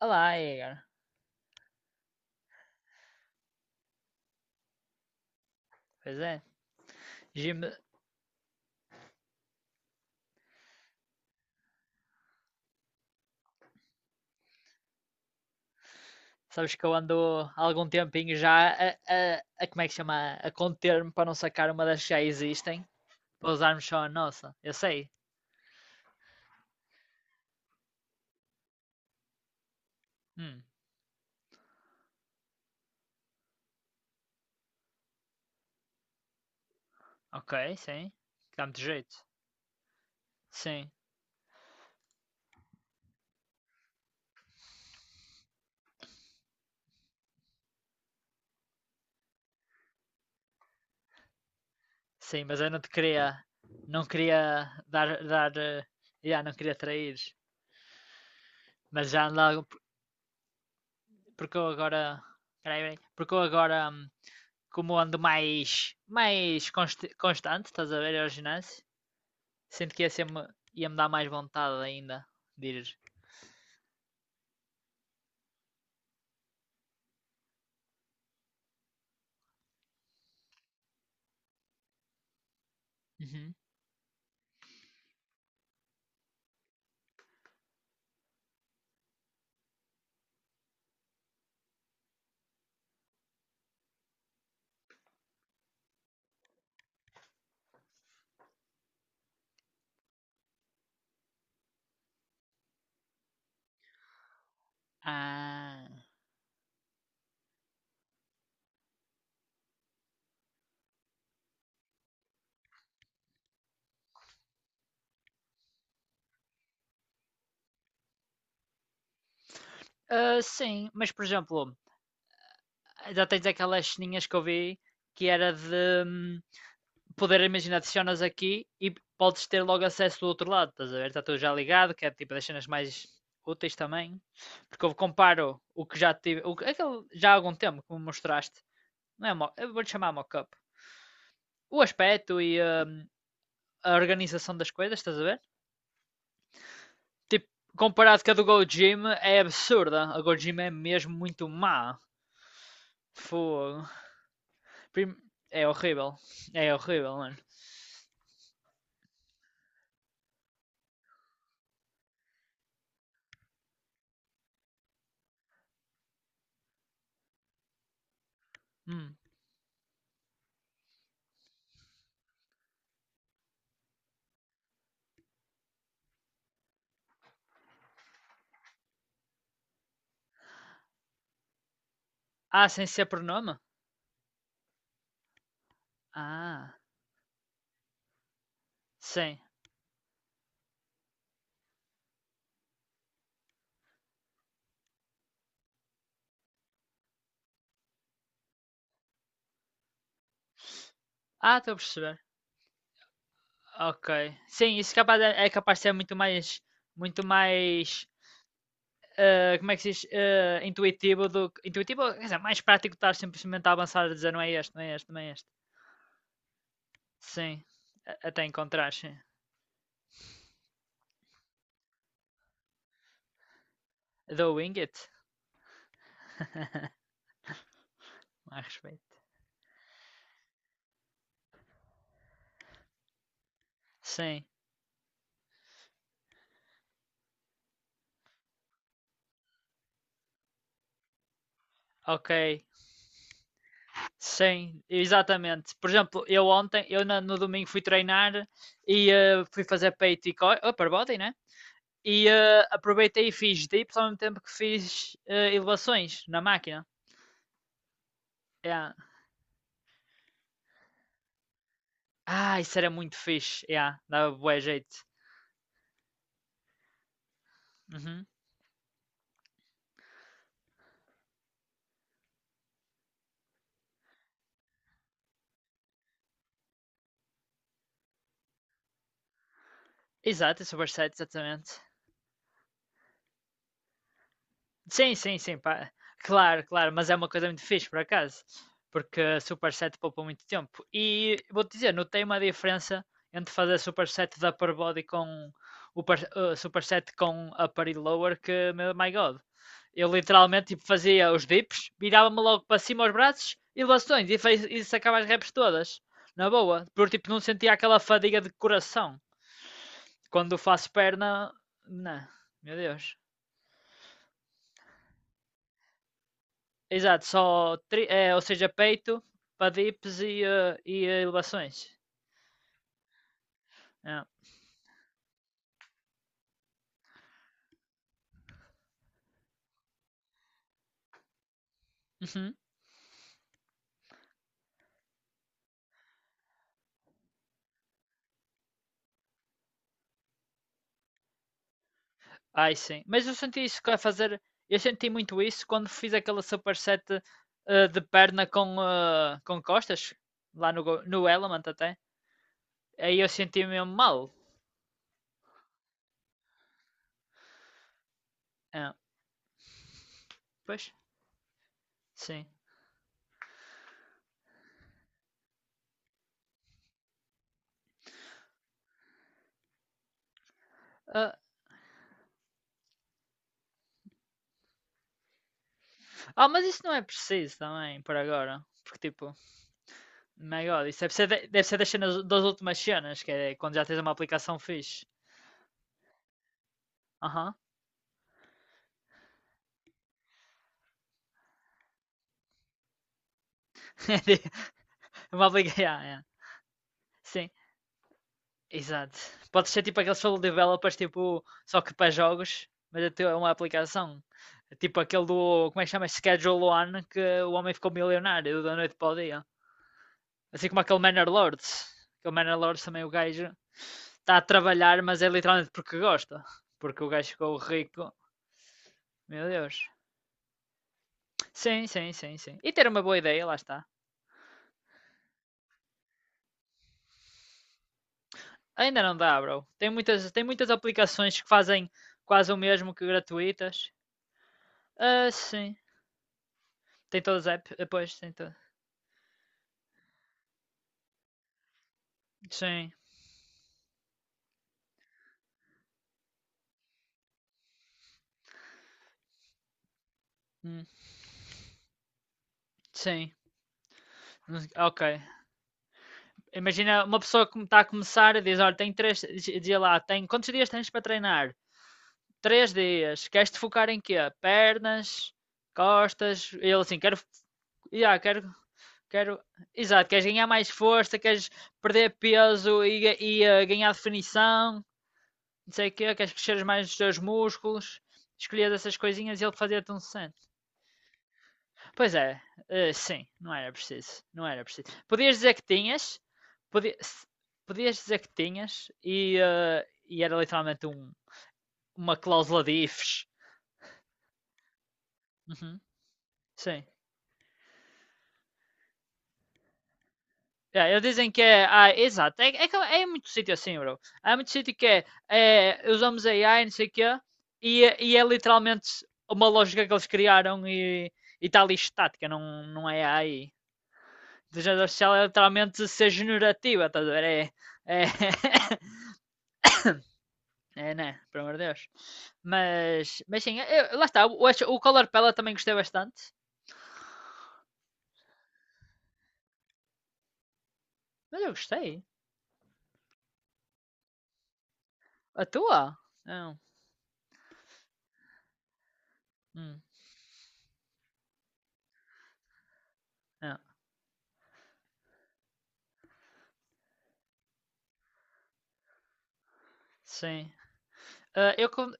Olá, Igor. Pois é. Jim, sabes que eu ando há algum tempinho já a como é que chama? A conter-me para não sacar uma das que já existem, para usarmos só a nossa. Eu sei. Hum, ok, sim. Dá muito jeito. Sim, sim, mas eu não te queria, não queria já não queria trair. Mas já ando há porque eu agora, peraí, peraí. Porque eu agora, como ando mais constante, estás a ver, ao ginásio. Sinto que ia ser-me. Ia-me dar mais vontade ainda de ir. Uhum. Ah. Ah, sim, mas por exemplo, já tens aquelas ceninhas que eu vi que era de hum, poder, imaginar adicionas aqui e podes ter logo acesso do outro lado, estás a ver? Está tudo já ligado, que é tipo das cenas mais úteis também. Porque eu comparo o que já tive, aquele, já há algum tempo que me mostraste, não é? Eu vou-te chamar mock-up. O aspecto e a organização das coisas, estás a ver? Tipo, comparado com a do Gojima, é absurda. A Gojima é mesmo muito má. Fogo. Prim- É horrível. É horrível, mano. Hum. Ah, sem ser pronome? Ah, sim. Ah, estou a perceber. Ok. Sim, isso é capaz de ser muito mais. Muito mais. Ah, como é que se diz? Ah, intuitivo do Intuitivo, quer dizer, mais prático estar simplesmente a avançar a dizer não é este, não é este, não é este. Sim. Até encontrar, sim. The Wing It. A respeito. Sim. Ok. Sim, exatamente. Por exemplo, eu ontem, no domingo fui treinar e fui fazer peito e oh, upper body, né? E aproveitei e fiz dips ao mesmo tempo que fiz elevações na máquina. Yeah. Ah, isso era muito fixe. Yeah, dava bué jeito. Uhum. Exato, é super set, exatamente. Sim, sim, sim, pá. Claro, claro, mas é uma coisa muito fixe, por acaso, porque a superset poupa muito tempo. E vou-te dizer, notei uma diferença entre fazer superset da upper body com superset com upper e lower que, meu, my God. Eu literalmente tipo, fazia os dips, virava-me logo para cima aos braços e bastões e sacava as reps todas, na boa. Porque tipo, não sentia aquela fadiga de coração. Quando faço perna, não, meu Deus. Exato, é, ou seja, peito, quadríceps e elevações. Ah, uhum. Ai, sim. Mas eu senti isso que a fazer. Eu senti muito isso quando fiz aquela superset de perna com, com costas, lá no Element até. Aí eu senti mesmo mal. Ah, pois, sim. Ah, ah, mas isso não é preciso também, por agora. Porque, tipo, my God, isso deve ser, deve ser das cenas, das últimas cenas, que é quando já tens uma aplicação fixe. Aham. Uma aplicação. Yeah, yeah. Sim, exato. Pode ser tipo aqueles solo developers, tipo, só que para jogos, mas é uma aplicação. Tipo aquele do, como é que chama? Schedule One, que o homem ficou milionário da noite para o dia. Assim como aquele Manor Lords. Aquele Manor Lords também o gajo está a trabalhar, mas é literalmente porque gosta. Porque o gajo ficou rico. Meu Deus. Sim, sim, sim, sim. E ter uma boa ideia, lá está. Ainda não dá, bro. Tem muitas aplicações que fazem quase o mesmo que gratuitas. Ah, sim. Tem todas as apps? Pois, tem todas. Sim. Hum, sim. Ok. Imagina uma pessoa que está a começar e diz: Olha, tem quantos dias tens para treinar? 3 dias. Queres te focar em quê? Pernas, costas. Ele assim, quero. Yeah, quero. Quero. Exato, queres ganhar mais força, queres perder peso e, ganhar definição, não sei o quê, queres crescer mais os teus músculos. Escolhias essas coisinhas e ele fazia-te um 60. Pois é, sim, não era preciso, não era preciso. Podias dizer que tinhas, podi- se- podias dizer que tinhas e era literalmente uma cláusula de ifs. Uhum, sim. É, eles dizem que é, ah, exato, que é muito sítio assim, bro. Há muito sítio que usamos AI, não sei o quê, e, e é literalmente uma lógica que eles criaram e está ali estática, não, não é AI. Inteligência artificial é literalmente ser generativa, estás a ver? É, É, né? Pelo amor de Deus. Mas sim, lá está. O Color Pella também gostei bastante. Mas eu gostei. A tua? Não. Hum, não. Sim. Ah, eu. con-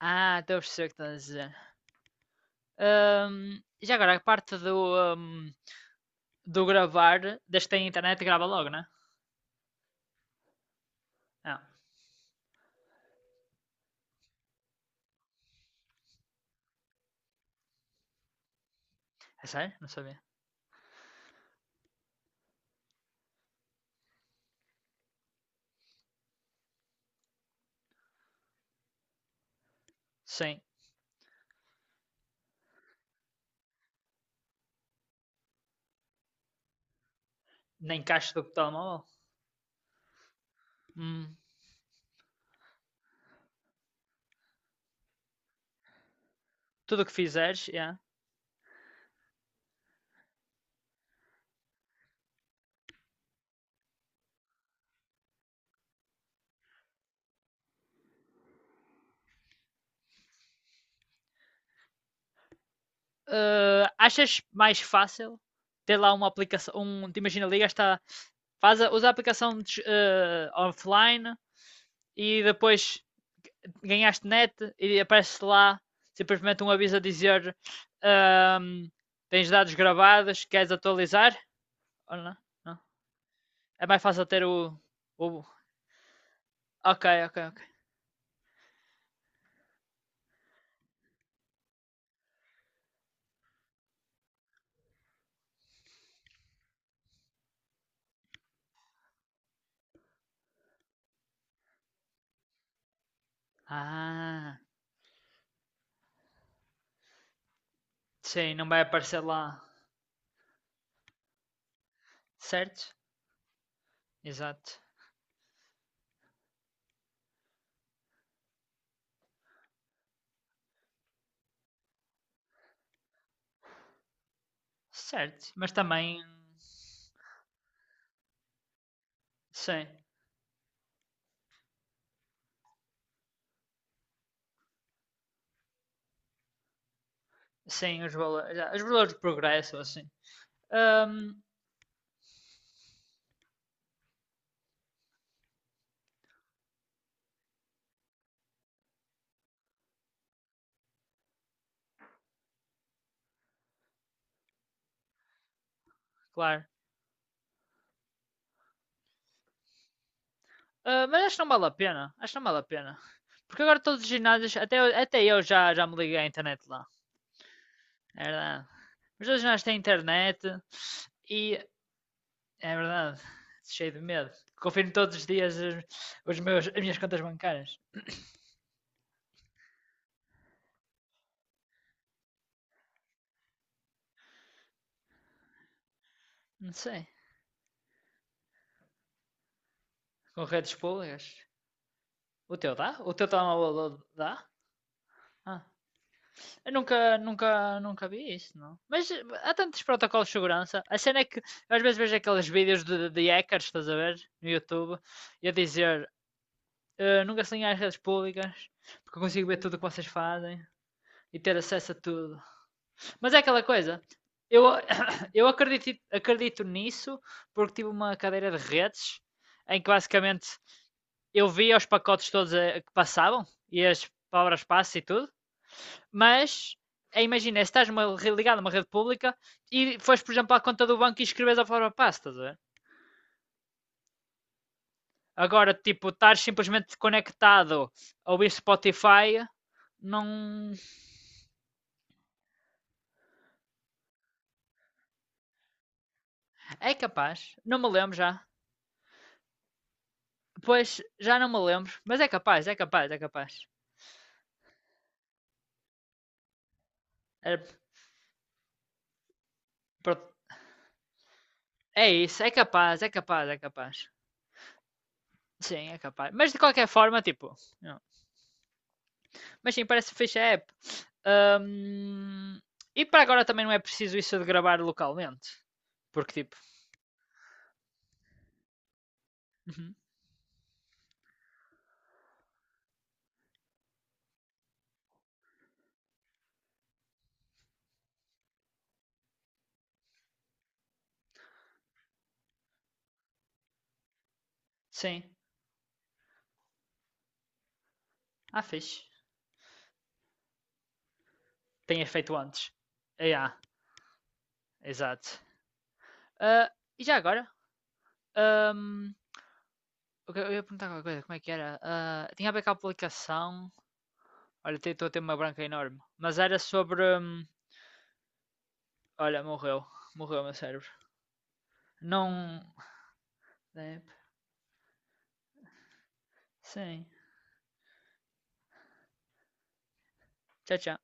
Ah, então eu sei o que estás a dizer. Já agora, a parte do, do gravar, desde que tem internet, grava logo, né? Não. É sério? Não sabia. Sim. Na encaixa do telemóvel. Hum. Tudo o que fizeres, yeah. Achas mais fácil ter lá uma aplicação, um, te imagina, ligas, tá, usa a aplicação offline e depois ganhaste net e aparece lá simplesmente um aviso a dizer ahm, tens dados gravados, queres atualizar? Ou não? Não. É mais fácil ter o. Ok, ok, ok. Ah, sim, não vai aparecer lá. Certo? Exato. Certo. Mas também. Sim. Sim, os valores de progresso, assim. Ahm, Claro. Ah, mas acho que não vale a pena. Acho que não vale a pena. Porque agora todos os ginásios, até, até eu já me liguei à internet lá. É verdade. Mas todos os ginásios têm internet e é verdade. Cheio de medo. Confiro todos os dias os meus, as minhas contas bancárias. Não sei. Com redes públicas. O teu dá? O teu telemóvel dá? Ah. Eu nunca, nunca, nunca vi isso, não. Mas há tantos protocolos de segurança. A cena é que eu às vezes vejo aqueles vídeos de hackers, estás a ver? No YouTube, e a dizer nunca se liguem às redes públicas, porque eu consigo ver tudo o que vocês fazem e ter acesso a tudo. Mas é aquela coisa. Eu, eu acredito, acredito nisso porque tive uma cadeira de redes em que basicamente eu via os pacotes todos que passavam e as palavras passe e tudo. Mas, imagina, se estás numa rede ligada a uma rede pública e fores, por exemplo, à conta do banco e escreves a forma passe, estás a ver? Agora, tipo, estar simplesmente conectado a ouvir Spotify, não. É capaz. Não me lembro já. Pois, já não me lembro. Mas é capaz, é capaz, é capaz. É, é isso, é capaz, é capaz, é capaz. Sim, é capaz. Mas de qualquer forma, tipo, não. Mas sim, parece fixe a app. Ahm, e para agora também não é preciso isso de gravar localmente. Porque tipo, uhum, sim, ah, fixe. Tenhas feito antes. É, ah, yeah, exato. Ah, e já agora? ahm, eu ia perguntar alguma coisa, como é que era? Ah, tinha a ver com a aplicação. Olha, estou a ter uma branca enorme. Mas era sobre. Olha, morreu. Morreu o meu cérebro. Não. Sim. Tchau, tchau.